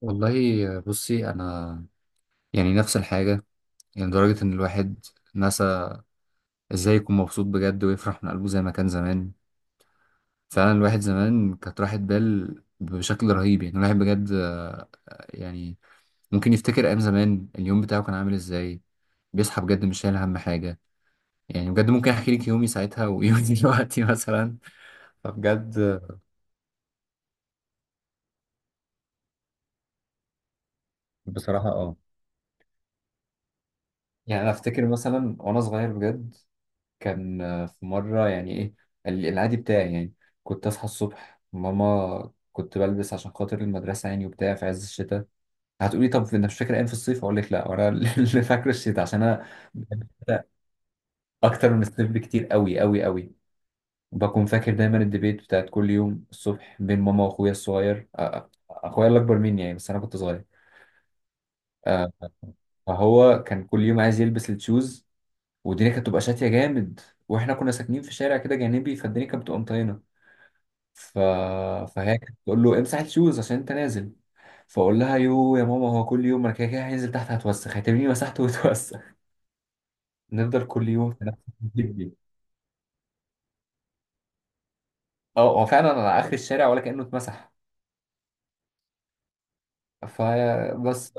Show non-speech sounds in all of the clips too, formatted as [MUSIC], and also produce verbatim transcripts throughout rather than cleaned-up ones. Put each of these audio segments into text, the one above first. والله، بصي انا يعني نفس الحاجه. يعني لدرجه ان الواحد نسى ازاي يكون مبسوط بجد ويفرح من قلبه زي ما كان زمان. فعلا الواحد زمان كانت راحه بال بشكل رهيب. يعني الواحد بجد آه، يعني ممكن يفتكر ايام زمان اليوم بتاعه كان عامل ازاي، بيصحى بجد مش شايل هم حاجه. يعني بجد ممكن احكي لك يومي ساعتها ويومي [LAUGHS] دلوقتي مثلا. فبجد بصراحة اه. يعني انا افتكر مثلا وانا صغير بجد، كان آه، في مرة، يعني إيه، ال- العادي بتاعي يعني، كنت أصحى الصبح، ماما كنت بلبس عشان خاطر المدرسة يعني وبتاع، في عز الشتاء. هتقولي طب أنت مش فاكر أيام في الصيف؟ أقول لك لا، وأنا [LAUGHS] اللي فاكر الشتاء عشان أنا بحب الشتاء أكتر من الصيف بكتير أوي أوي أوي. بكون فاكر دايما الديبيت بتاعت كل يوم الصبح بين ماما وأخويا الصغير، أ- أ- أخويا اللي أكبر مني يعني، بس أنا كنت صغير. أ- فهو كان كل يوم عايز يلبس التشوز، والدنيا كانت بتبقى شاتية جامد، واحنا كنا ساكنين في شارع كده جانبي، فالدنيا كانت بتبقى مطينة. ف... فهي كانت بتقول له امسح الشوز عشان انت نازل، فاقول لها يو يا ماما، هو كل يوم انا كده كده هنزل تحت، هتوسخ، هتبني مسحته وتوسخ. [LAUGHS] نفضل كل يوم في نفس التكتيك دي. اه، هو فعلا على اخر الشارع ولا كانه اتمسح. فبس،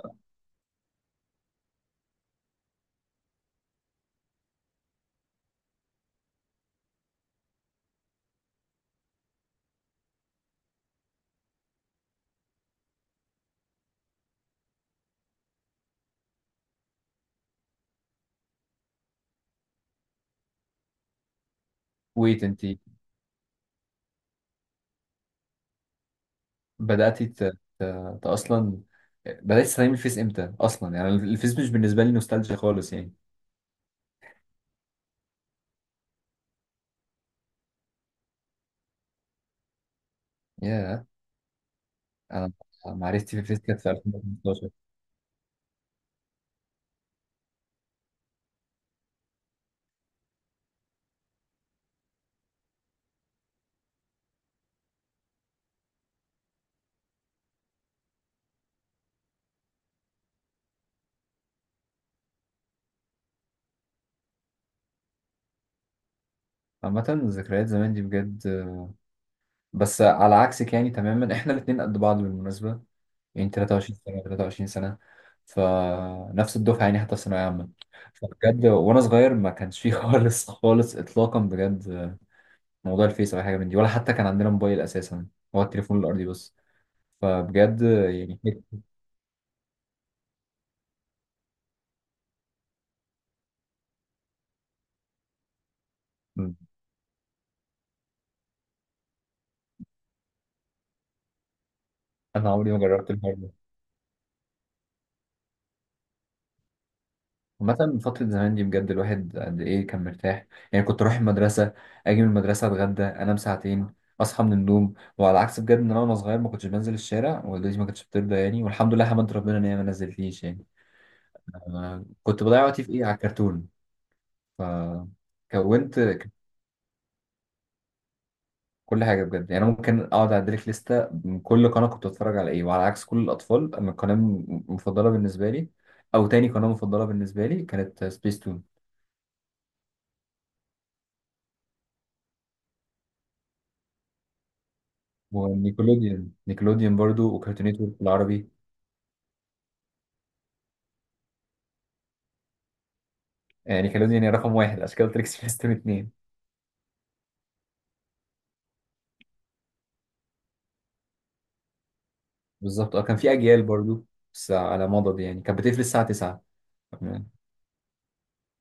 ويت انت بداتي ت... ت... ت... اصلا بدات تستخدمي الفيس امتى؟ اصلا يعني الفيس مش بالنسبه لي نوستالجيا خالص يعني. يا انا معرفتي في الفيس كانت في ألفين وخمستاشر. عامة ذكريات زمان دي بجد، بس على عكسك يعني تماما. احنا الاتنين قد بعض بالمناسبة، يعني تلاتة وعشرين سنة، تلاتة وعشرين سنة، فنفس الدفعة يعني، حتى في ثانوية عامة. فبجد وأنا صغير ما كانش فيه [LAUGHS] خالص خالص إطلاقا بجد موضوع الفيس أو أي حاجة من دي، ولا حتى كان عندنا موبايل أساسا، هو التليفون الأرضي بس. فبجد يعني. م. أنا عمري ما جربت الحوار ده. عامة فترة زمان دي بجد الواحد قد إيه كان مرتاح. يعني كنت أروح المدرسة، أجي من المدرسة، أتغدى، أنام ساعتين، أصحى من النوم. وعلى عكس بجد، إن أنا وأنا صغير ما كنتش بنزل الشارع، والدتي ما كانتش بترضى يعني، والحمد لله حمدت ربنا إن هي ما نزلتنيش يعني. أنا كنت بضيع وقتي في إيه؟ على الكرتون. فكونت كل حاجة بجد. يعني أنا ممكن أقعد أعدلك لستة من كل قناة كنت بتفرج على إيه. وعلى عكس كل الأطفال، أما القناة م- مفضلة بالنسبة لي أو تاني قناة مفضلة بالنسبة لي كانت سبيس تون ونيكولوديان. نيكولوديان برضو، وكارتون نتورك بالعربي. يعني نيكولوديان هي رقم واحد، عشان كده قلت لك [LAUGHS] سبيس تون اتنين. بالظبط، أه كان في أجيال برضو، بس على مضض يعني، كانت بتقفل الساعة تسعة.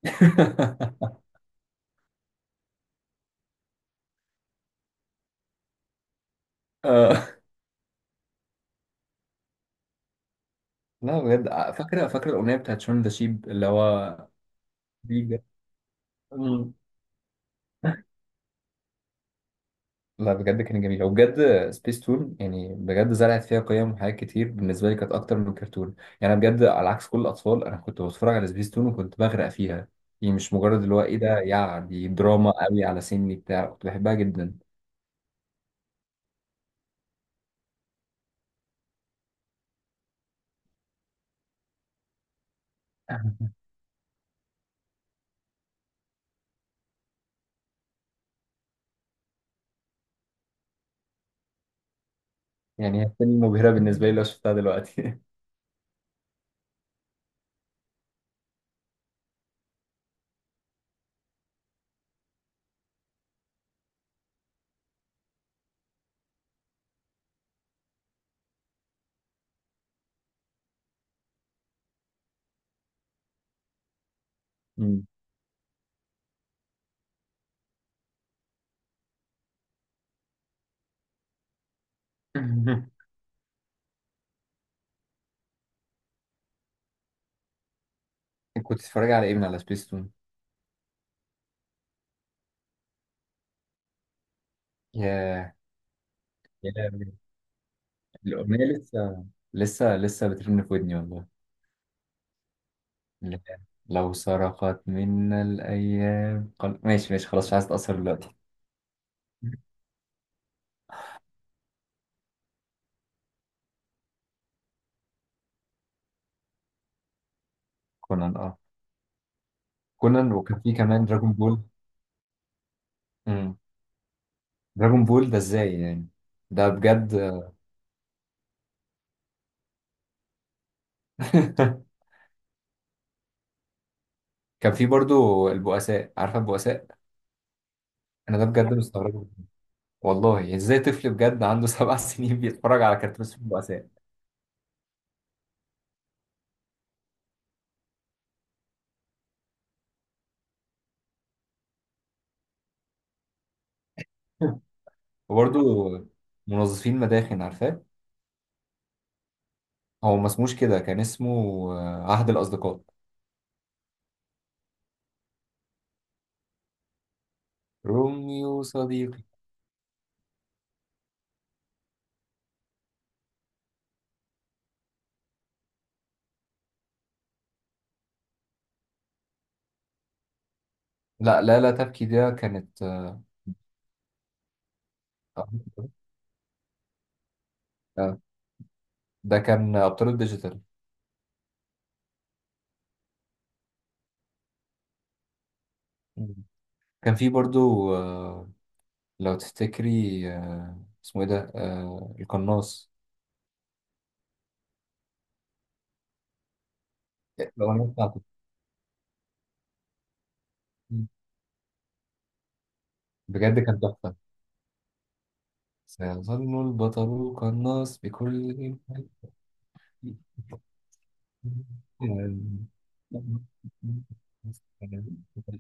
[LAUGHS] آه، لا بجد، آه، فاكرة، فاكرة الأغنية بتاعت شون ذا شيب اللي هو. مم. لا بجد كان جميل وبجد. سبيس تون يعني بجد زرعت فيها قيم وحاجات كتير، بالنسبه لي كانت اكتر من الكرتون. يعني انا بجد على عكس كل الاطفال انا كنت بتفرج على سبيس تون وكنت بغرق فيها. يعني مش مجرد اللي هو ايه ده، يعني دي دراما قوي على سني بتاع، كنت بحبها جدا. يعني هي فيلم مبهره بالنسبه لي لو شفتها دلوقتي. [LAUGHS] أمم. كنت بتتفرج على ايه من على سبيس تون؟ ياه، يا لهوي. الاغنيه لسه، لسه لسه بترن في ودني والله. لا. لو سرقت منا الأيام قل... ماشي ماشي خلاص، مش عايز أتأثر دلوقتي. كونان، اه كونان. وكان في كمان دراجون بول. امم، دراجون بول ده ازاي يعني؟ ده بجد. [LAUGHS] كان في برضو البؤساء، عارفة البؤساء؟ أنا ده بجد مستغربه، والله ازاي طفل بجد عنده سبع [LAUGHS] سنين بيتفرج على كرتون اسمه البؤساء؟ وبرضو منظفين مداخن، عارفاه؟ هو ما اسموش كده، كان اسمه آه، عهد الأصدقاء، روميو صديق. لا لا لا تبكي، ده كانت آه، آه، ده كان أبطال الديجيتال. مم. كان في برضو آه، لو تفتكري آه، اسمه ايه ده، آه، القناص، الأغنية بتاعته. مم. بجد كانت تحفة. سيظل البطل القناص بكل. [LAUGHS]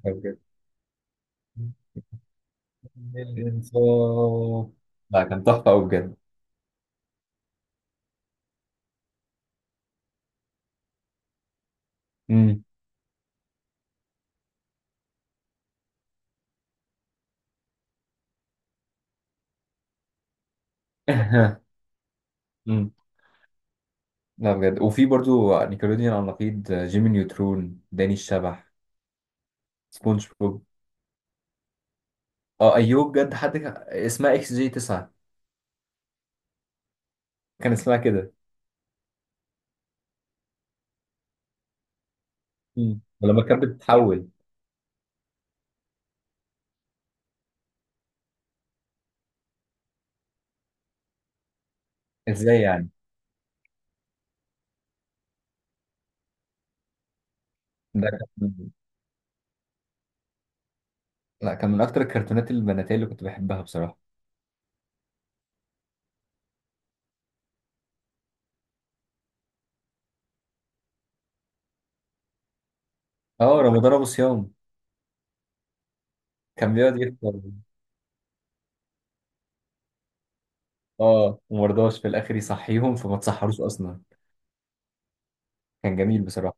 بجد. الإنصاف، لا كان تحفة أوي بجد. مم. [LAUGHS] لا بجد، وفي برضو نيكلوديان على النقيض، جيمي نيوترون، داني الشبح، سبونج بوب. اه ايوب بجد، حد كان- اسمها اكس جي تسعة، كان اسمها كده. مم. ولما كانت بتتحول ازاي يعني؟ ده كان من-، لا كان من اكتر الكرتونات البناتية اللي كنت بحبها بصراحة. اه، رمضان ابو صيام، كان بيقعد يفطر. اه، ومرضاش في الاخر يصحيهم فما تصحروش اصلا. كان جميل بصراحة.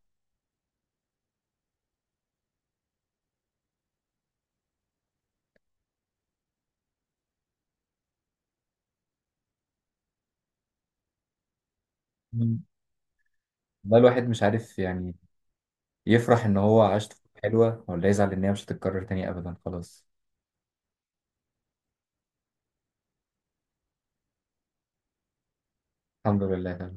مم. ده الواحد مش عارف يعني يفرح ان هو عاش طفولة حلوة، ولا يزعل ان هي مش هتتكرر تاني ابدا خلاص. الحمد لله.